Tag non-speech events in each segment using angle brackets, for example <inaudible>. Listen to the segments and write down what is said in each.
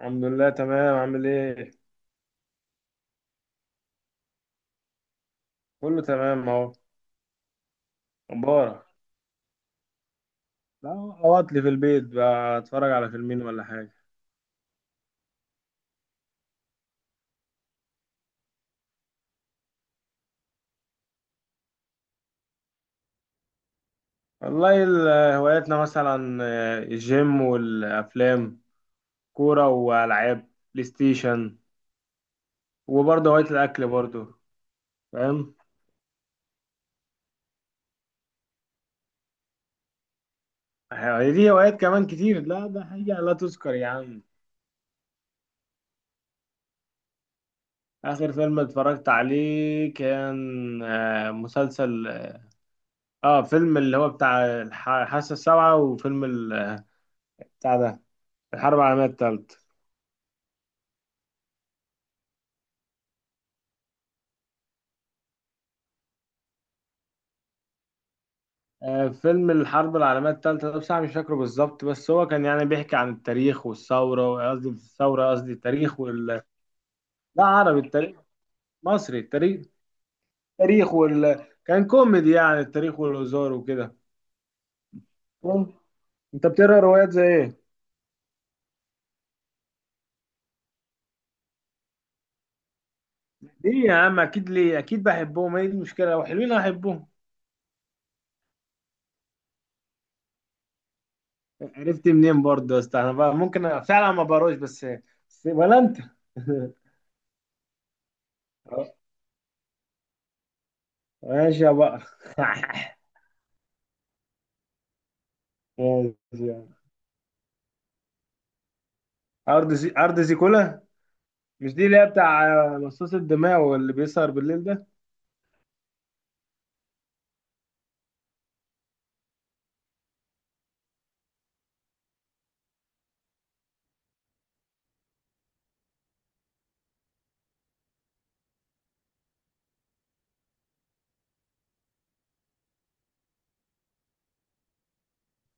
الحمد لله، تمام. عامل ايه؟ كله تمام اهو. مبارك. لا. اقعد لي في البيت بقى، اتفرج على فيلمين ولا حاجه. والله، هواياتنا مثلا الجيم والافلام، كوره والعاب، بلاي ستيشن. وبرضه هوايه الاكل برضه. فاهم. هي دي هوايات كمان كتير، لا ده حاجه لا تذكر يا عم. اخر فيلم اتفرجت عليه كان مسلسل. اه فيلم اللي هو بتاع الحاسه السابعه، وفيلم بتاع ده، الحرب العالميه الثالثه. فيلم الحرب العالمية التالتة ده بصراحة مش فاكره بالظبط، بس هو كان يعني بيحكي عن التاريخ والثورة، قصدي مش الثورة، قصدي التاريخ وال. لا، عربي التاريخ. مصري التاريخ. التاريخ وال كان كوميدي، يعني التاريخ والهزار وكده. مم. انت بتقرا روايات زي ايه؟ ليه يا عم؟ اكيد، ليه؟ اكيد بحبهم، هي دي المشكلة، لو حلوين احبهم. عرفت منين برضه يا اسطى؟ انا بقى ممكن فعلا ما بقراش، بس ولا انت؟ <laughs> ماشي يا بقى. <laughs> ماشي يا عم. ارض زيكولا. مش دي اللي هي بتاع مصاص الدماء، واللي بيسهر بالليل ده؟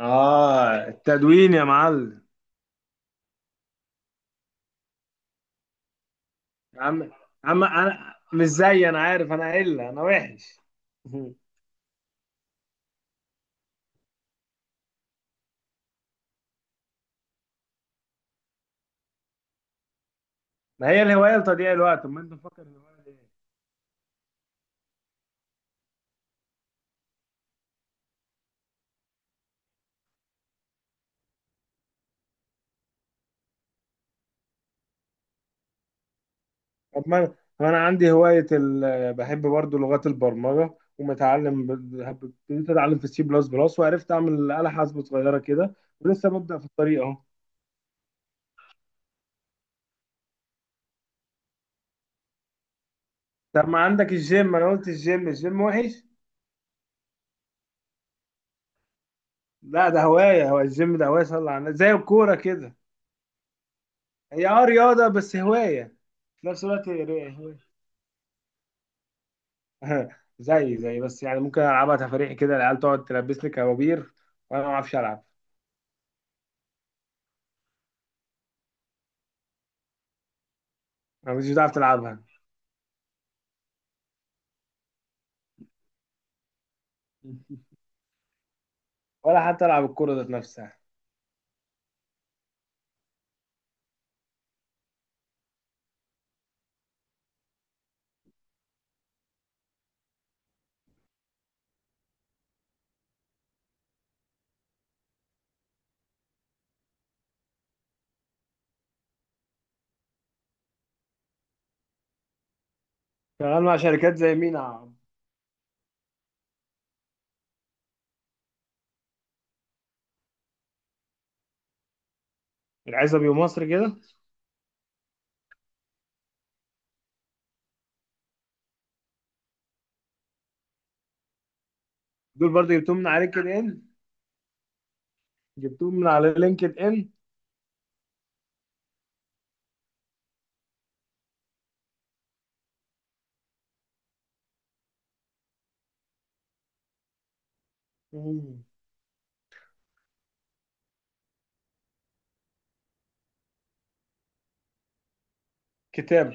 اه، التدوين يا معلم. يا عم، يا عم، انا مش زي، انا عارف، انا قله، انا وحش. <laughs> ما هي الهوايه لتضييع الوقت، طب ما انت مفكر الهوايه دي إيه؟ طب ما أنا عندي هوايه، بحب برضو لغات البرمجه، ومتعلم ابتديت اتعلم في C++، وعرفت اعمل آلة حاسبة صغيره كده. ولسه ببدأ في الطريق اهو. طب ما عندك الجيم، انا قلت الجيم. الجيم وحش؟ لا ده هوايه، هو الجيم ده هوايه، صلى على النبي، زي الكوره كده. هي رياضة، بس هواية في نفس الوقت، هي هواية. <laughs> زي بس، يعني ممكن العبها تفريح كده، العيال تقعد تلبسني كبابير، وانا ما اعرفش العب. انا مش بتعرف تلعبها. <laughs> ولا حتى العب الكورة ذات نفسها. شغال مع شركات زي مينا، العزبي ومصر كده؟ دول برضو جبتهم من على لينكد ان. جبتهم من على لينكد ان مم. كتاب.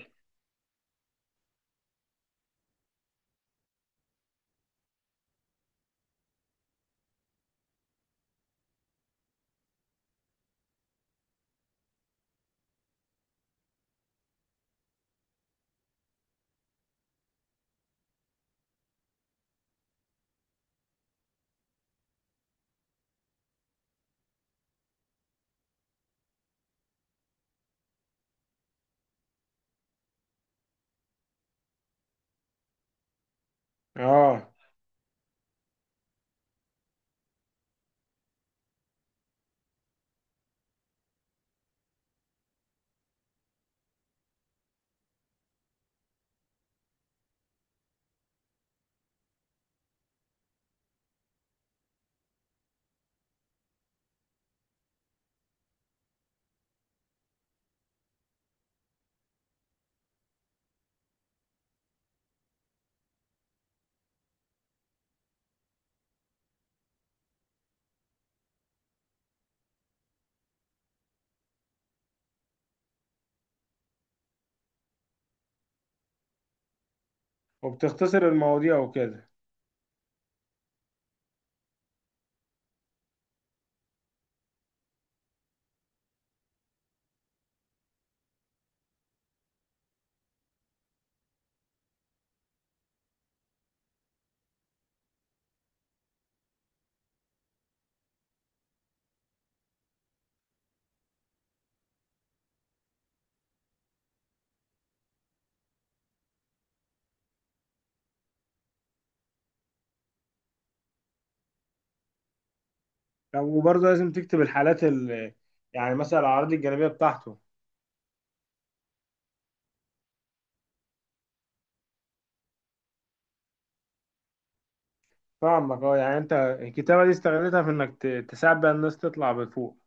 اه، وبتختصر المواضيع وكده. طب وبرضه لازم تكتب الحالات ال، يعني مثلا الاعراض الجانبية بتاعته. فاهمك، اه، يعني انت الكتابة دي استغلتها في انك تساعد بقى الناس تطلع بفوق.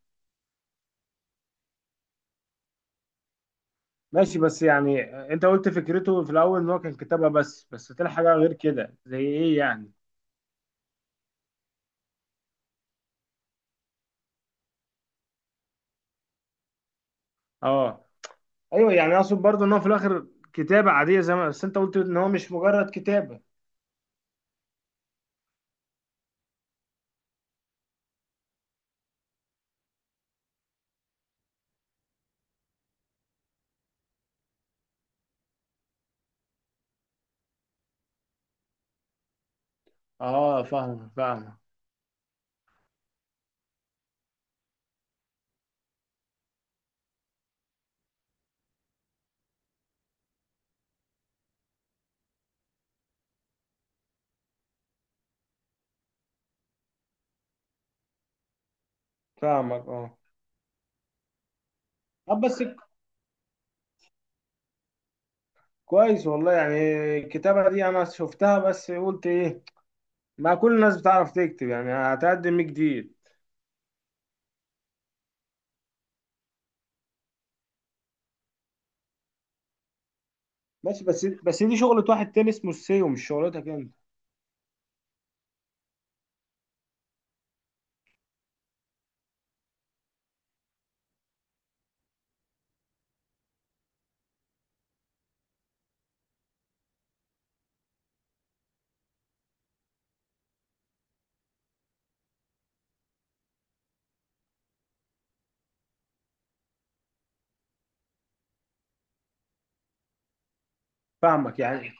ماشي بس، يعني انت قلت فكرته في الاول ان هو كان كتابة بس طلع حاجة غير كده، زي ايه يعني؟ اه. ايوه، يعني اقصد برضه ان هو في الاخر كتابة عادية، زي ما بس انت قلت ان هو مش مجرد كتابة. اه، فاهم، فاهم. فاهمك، اه. طب بس، كويس والله يعني. الكتابة دي انا شفتها، بس قلت ايه؟ ما كل الناس بتعرف تكتب، يعني هتقدم ايه جديد؟ ماشي بس دي شغلة واحد تاني اسمه السيو، مش شغلتك انت. فاهمك يعني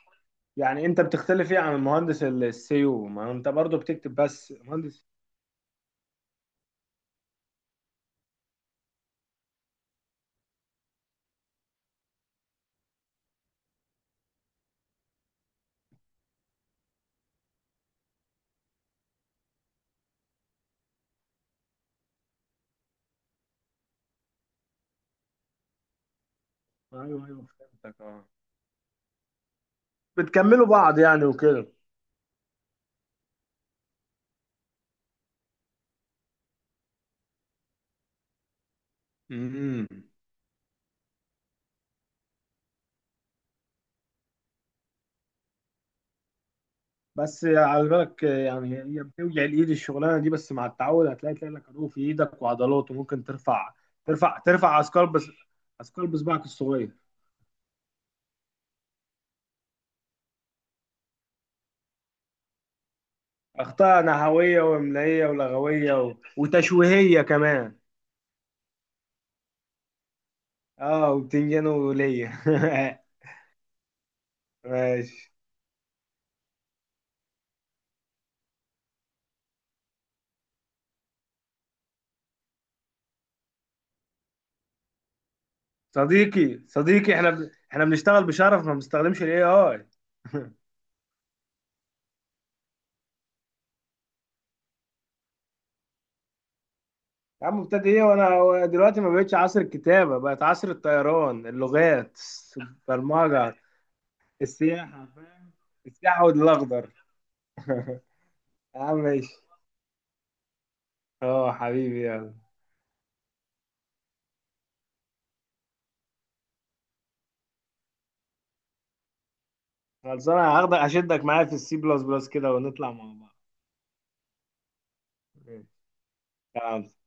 يعني انت بتختلف ايه عن المهندس السيو، ما انت برضو بتكتب بس مهندس؟ ايوه، ايوه، فهمتك، اه. بتكملوا بعض يعني وكده. امم. بس على بالك يعني هي بتوجع الايد الشغلانه دي، بس مع التعود هتلاقي لك عروق في ايدك وعضلات، وممكن ترفع اثقال، بس اثقال بصبعك الصغير. اخطاء نحويه واملائيه ولغويه، وتشويهيه كمان. اه، وبتنجان وليه. <laughs> ماشي. صديقي، صديقي، احنا بنشتغل بشرف، ما بنستخدمش AI. يا عم، ابتدى ايه؟ وانا دلوقتي ما بقتش عصر الكتابه، بقت عصر الطيران، اللغات، البرمجه، السياحه، فاهم؟ السياحه والاخضر. يا عم، ماشي. اه، حبيبي، يلا. خلصانه، هاخدك اشدك معايا في C++ كده، ونطلع مع بعض. ماشي. تمام